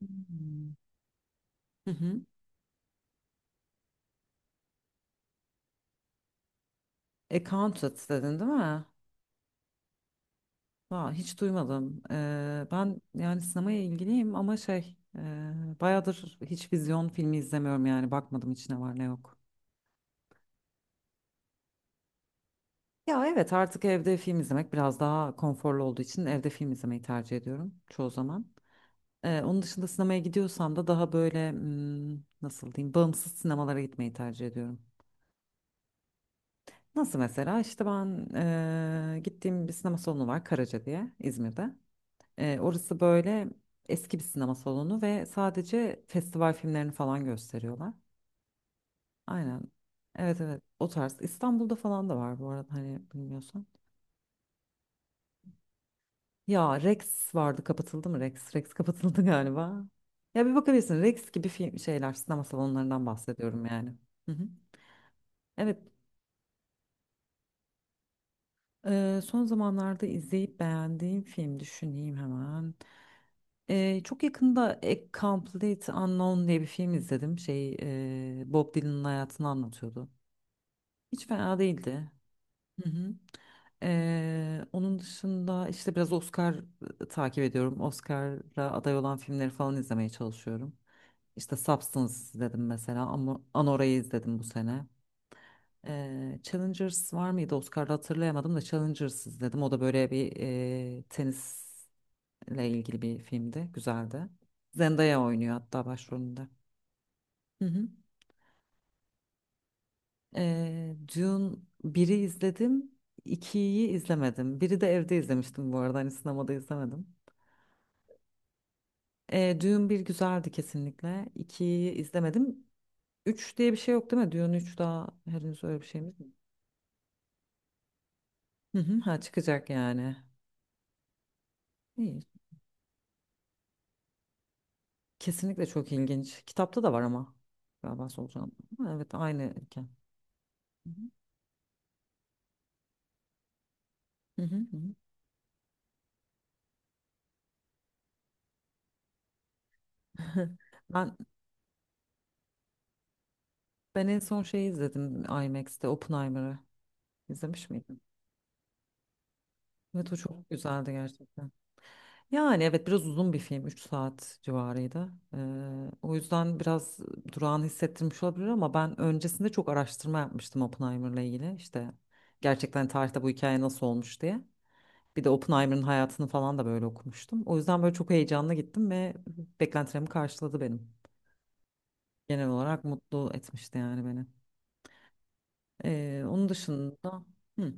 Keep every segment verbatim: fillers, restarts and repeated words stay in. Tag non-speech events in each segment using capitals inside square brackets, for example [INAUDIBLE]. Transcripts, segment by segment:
Hmm. Hı hı. Accountant dedin değil mi? Vay, hiç duymadım. Ee, ben yani sinemaya ilgiliyim ama şey e, bayağıdır hiç vizyon filmi izlemiyorum yani bakmadım hiç ne var ne yok. Ya evet artık evde film izlemek biraz daha konforlu olduğu için evde film izlemeyi tercih ediyorum çoğu zaman. Ee, onun dışında sinemaya gidiyorsam da daha böyle hmm, nasıl diyeyim bağımsız sinemalara gitmeyi tercih ediyorum. Nasıl mesela işte ben e, gittiğim bir sinema salonu var, Karaca diye, İzmir'de. Ee, orası böyle eski bir sinema salonu ve sadece festival filmlerini falan gösteriyorlar. Aynen. Evet, evet, o tarz. İstanbul'da falan da var bu arada, hani bilmiyorsan. Ya Rex vardı, kapatıldı mı Rex? Rex kapatıldı [LAUGHS] galiba. Ya bir bakabilirsin, Rex gibi film şeyler, sinema salonlarından bahsediyorum yani. Hı hı. Evet. E, son zamanlarda izleyip beğendiğim film, düşüneyim hemen. Ee, çok yakında A Complete Unknown diye bir film izledim. Şey, e, Bob Dylan'ın hayatını anlatıyordu. Hiç fena değildi. Hı hı. Ee, onun dışında işte biraz Oscar e, takip ediyorum. Oscar'a aday olan filmleri falan izlemeye çalışıyorum. İşte Substance izledim mesela, ama Anora'yı izledim bu sene. Ee, Challengers var mıydı? Oscar'da hatırlayamadım, da Challengers izledim. O da böyle bir e, tenis ile ilgili bir filmdi. Güzeldi. Zendaya oynuyor hatta başrolünde. Hı hı. Ee, Dune biri izledim. İkiyi izlemedim. Biri de evde izlemiştim bu arada. Hani sinemada izlemedim. Ee, Dune bir güzeldi kesinlikle. ikiyi izlemedim. Üç diye bir şey yok değil mi? Dune üç daha henüz öyle bir şeyimiz mi? Hı hı, ha çıkacak yani. İyi. Kesinlikle çok ilginç. Kitapta da var ama. Galiba solucan. Evet aynı iken. Hı hı, hı hı, hı hı. [LAUGHS] Ben Ben en son şeyi izledim IMAX'te Oppenheimer'ı. İzlemiş miydin? Evet, o çok güzeldi gerçekten. Yani evet, biraz uzun bir film, üç saat civarıydı. Ee, o yüzden biraz durağan hissettirmiş olabilir, ama ben öncesinde çok araştırma yapmıştım Oppenheimer'la ilgili. İşte gerçekten tarihte bu hikaye nasıl olmuş diye. Bir de Oppenheimer'ın hayatını falan da böyle okumuştum. O yüzden böyle çok heyecanla gittim ve beklentilerimi karşıladı benim. Genel olarak mutlu etmişti yani beni. Ee, onun dışında... Hı.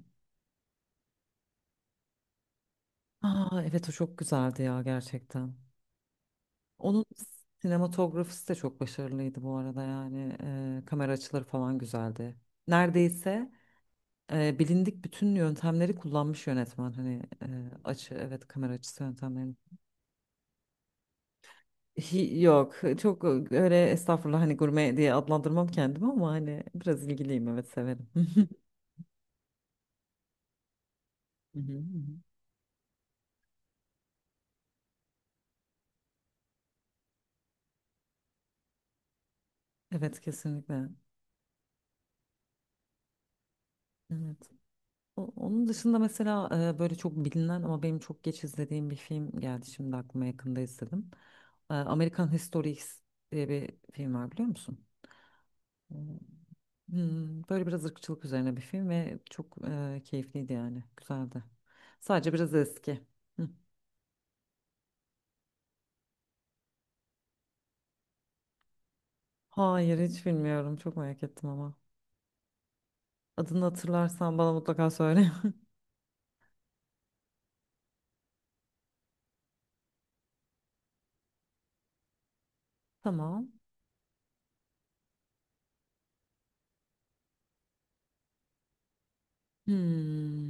Aa, evet o çok güzeldi ya gerçekten. Onun sinematografisi de çok başarılıydı bu arada yani, Ee, kamera açıları falan güzeldi. Neredeyse e, bilindik bütün yöntemleri kullanmış yönetmen hani, e, açı, evet, kamera açısı yöntemlerini. Hi- yok, çok öyle estağfurullah, hani gurme diye adlandırmam kendimi ama hani biraz ilgiliyim, evet, severim. [LAUGHS] Hı hı, hı hı. Evet kesinlikle. Evet. O- Onun dışında mesela e, böyle çok bilinen ama benim çok geç izlediğim bir film geldi şimdi aklıma, yakında izledim. E, American History X diye bir film var, biliyor musun? Hmm. Hmm, böyle biraz ırkçılık üzerine bir film ve çok e, keyifliydi yani, güzeldi. Sadece biraz eski. Hı. Hayır, hiç bilmiyorum, çok merak ettim ama. Adını hatırlarsan bana mutlaka söyle. [LAUGHS] Tamam. Hmm,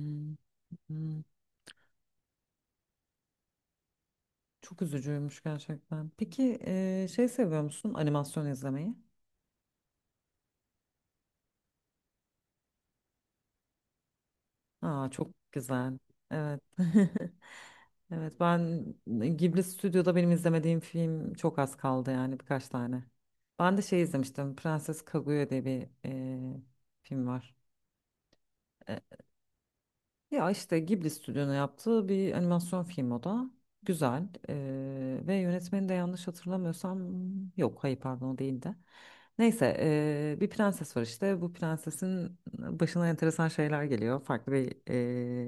hmm, Çok üzücüymüş gerçekten. Peki e, şey, seviyor musun animasyon izlemeyi? Aa, çok güzel. Evet. [LAUGHS] Evet, ben Ghibli Stüdyo'da benim izlemediğim film çok az kaldı, yani birkaç tane. Ben de şey izlemiştim. Prenses Kaguya diye bir e, film var. Ya işte Ghibli stüdyonun yaptığı bir animasyon film o da. Güzel. Ee, ve yönetmeni de, yanlış hatırlamıyorsam, yok, hayır, pardon, o değildi. Neyse, ee, bir prenses var işte. Bu prensesin başına enteresan şeyler geliyor. Farklı bir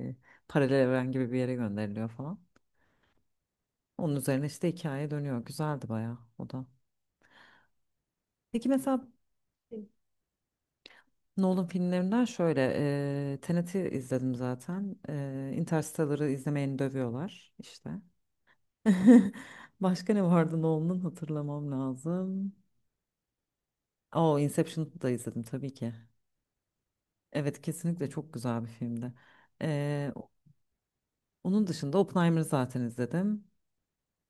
ee, paralel evren gibi bir yere gönderiliyor falan. Onun üzerine işte hikaye dönüyor. Güzeldi bayağı o da. Peki mesela [LAUGHS] Nolan filmlerinden şöyle eee Tenet'i izledim zaten. Eee Interstellar'ı izlemeyeni dövüyorlar işte. [LAUGHS] Başka ne vardı Nolan'ın, hatırlamam lazım. Oo, Inception'ı da izledim tabii ki. Evet, kesinlikle çok güzel bir filmdi. Ee, Onun dışında Oppenheimer'ı zaten izledim.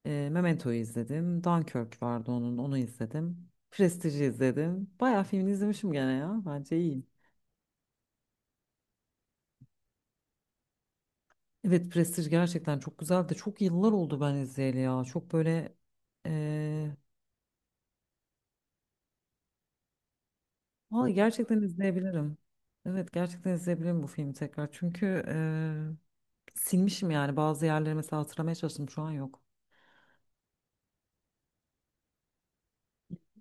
Ee, Memento'yu izledim. Dunkirk vardı, onun onu izledim. Prestige'i izledim. Bayağı filmini izlemişim gene ya. Bence iyiyim. Evet, Prestige gerçekten çok güzeldi. Çok yıllar oldu ben izleyeli ya. Çok böyle ee, vallahi gerçekten izleyebilirim. Evet, gerçekten izleyebilirim bu filmi tekrar. Çünkü silmişim yani bazı yerleri mesela, hatırlamaya çalıştım şu an, yok.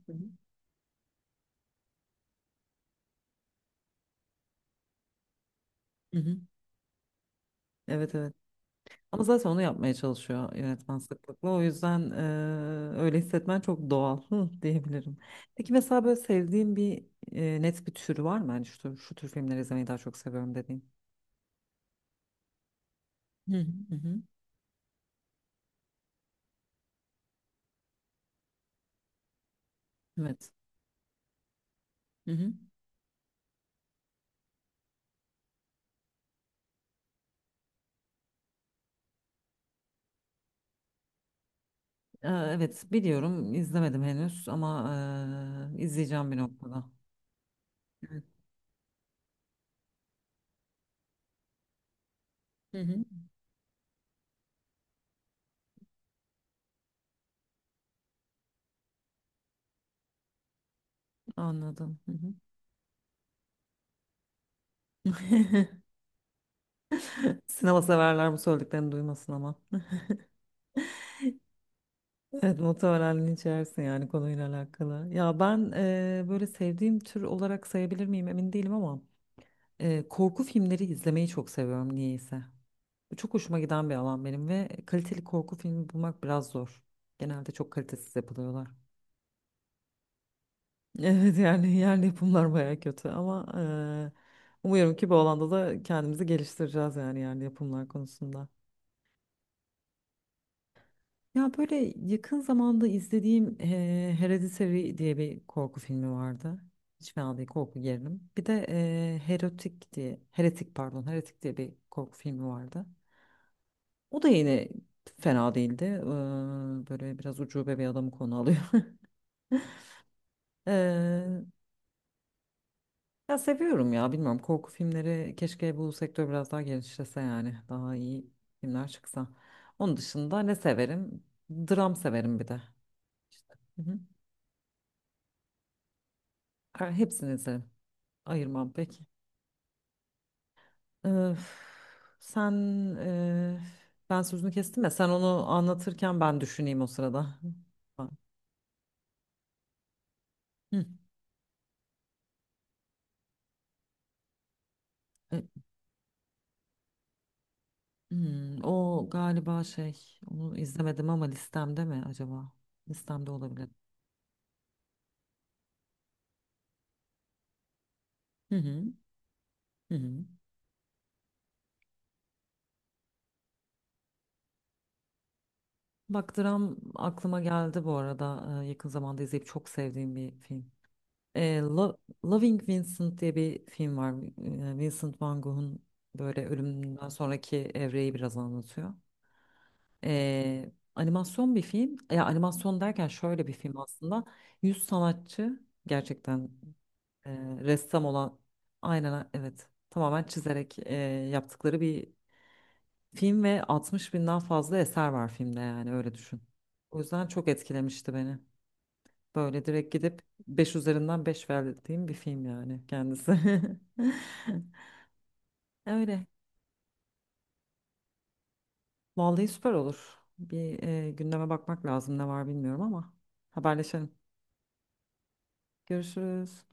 Hı hı. Hı hı. Evet, evet. Ama zaten onu yapmaya çalışıyor yönetmen sıklıkla. O yüzden eee, öyle hissetmen çok doğal, [LAUGHS] hı, diyebilirim. Peki mesela, böyle sevdiğin bir eee, net bir tür var mı? Yani şu, şu tür filmleri izlemeyi daha çok seviyorum dediğin. Hı hı. Hı hı. Evet. Hı hı. Eee, evet, biliyorum, izlemedim henüz ama eee, izleyeceğim bir noktada. Evet, Hı hı. Anladım. Hı hı. [LAUGHS] Sinema severler bu söylediklerini duymasın ama. Evet, muhtemelen içersin yani konuyla alakalı. Ya ben eee, böyle sevdiğim tür olarak sayabilir miyim, emin değilim, ama eee, korku filmleri izlemeyi çok seviyorum niyeyse. Bu çok hoşuma giden bir alan benim ve kaliteli korku filmi bulmak biraz zor. Genelde çok kalitesiz yapılıyorlar. [LAUGHS] Evet, yani yerli yapımlar baya kötü, ama eee, umuyorum ki bu alanda da kendimizi geliştireceğiz, yani yerli yapımlar konusunda. Ya, böyle yakın zamanda izlediğim eee Hereditary diye bir korku filmi vardı. Hiç fena değil, korku gerilim. Bir de eee Heretic diye, Heretic, pardon, Heretic diye bir korku filmi vardı. O da yine fena değildi. Eee, böyle biraz ucube bir adamı konu alıyor. [LAUGHS] Eee, Ya seviyorum ya, bilmiyorum korku filmleri, keşke bu sektör biraz daha genişlese yani. Daha iyi filmler çıksa. Onun dışında ne severim? Dram severim bir de. İşte. Hı hı. Her- Hepsini izlerim. Ayırmam peki. Ee, sen e, Ben sözünü kestim ya, sen onu anlatırken ben düşüneyim o sırada. Hı. Hı. E, hmm, O galiba şey, onu izlemedim, ama listemde mi acaba? Listemde olabilir. Hı hı. Hı hı. Bak, dram aklıma geldi bu arada. Ee, yakın zamanda izleyip çok sevdiğim bir film. Ee, Lo- Loving Vincent diye bir film var. Ee, Vincent Van Gogh'un böyle ölümünden sonraki evreyi biraz anlatıyor. Ee, animasyon bir film. Ya, animasyon derken şöyle bir film aslında. Yüz sanatçı gerçekten e, ressam olan, aynen, evet, tamamen çizerek e, yaptıkları bir film ve altmış binden fazla eser var filmde, yani öyle düşün. O yüzden çok etkilemişti beni. Böyle direkt gidip beş üzerinden beş verdiğim bir film yani kendisi. [LAUGHS] Öyle. Vallahi süper olur. Bir e, gündeme bakmak lazım ne var, bilmiyorum, ama haberleşelim. Görüşürüz.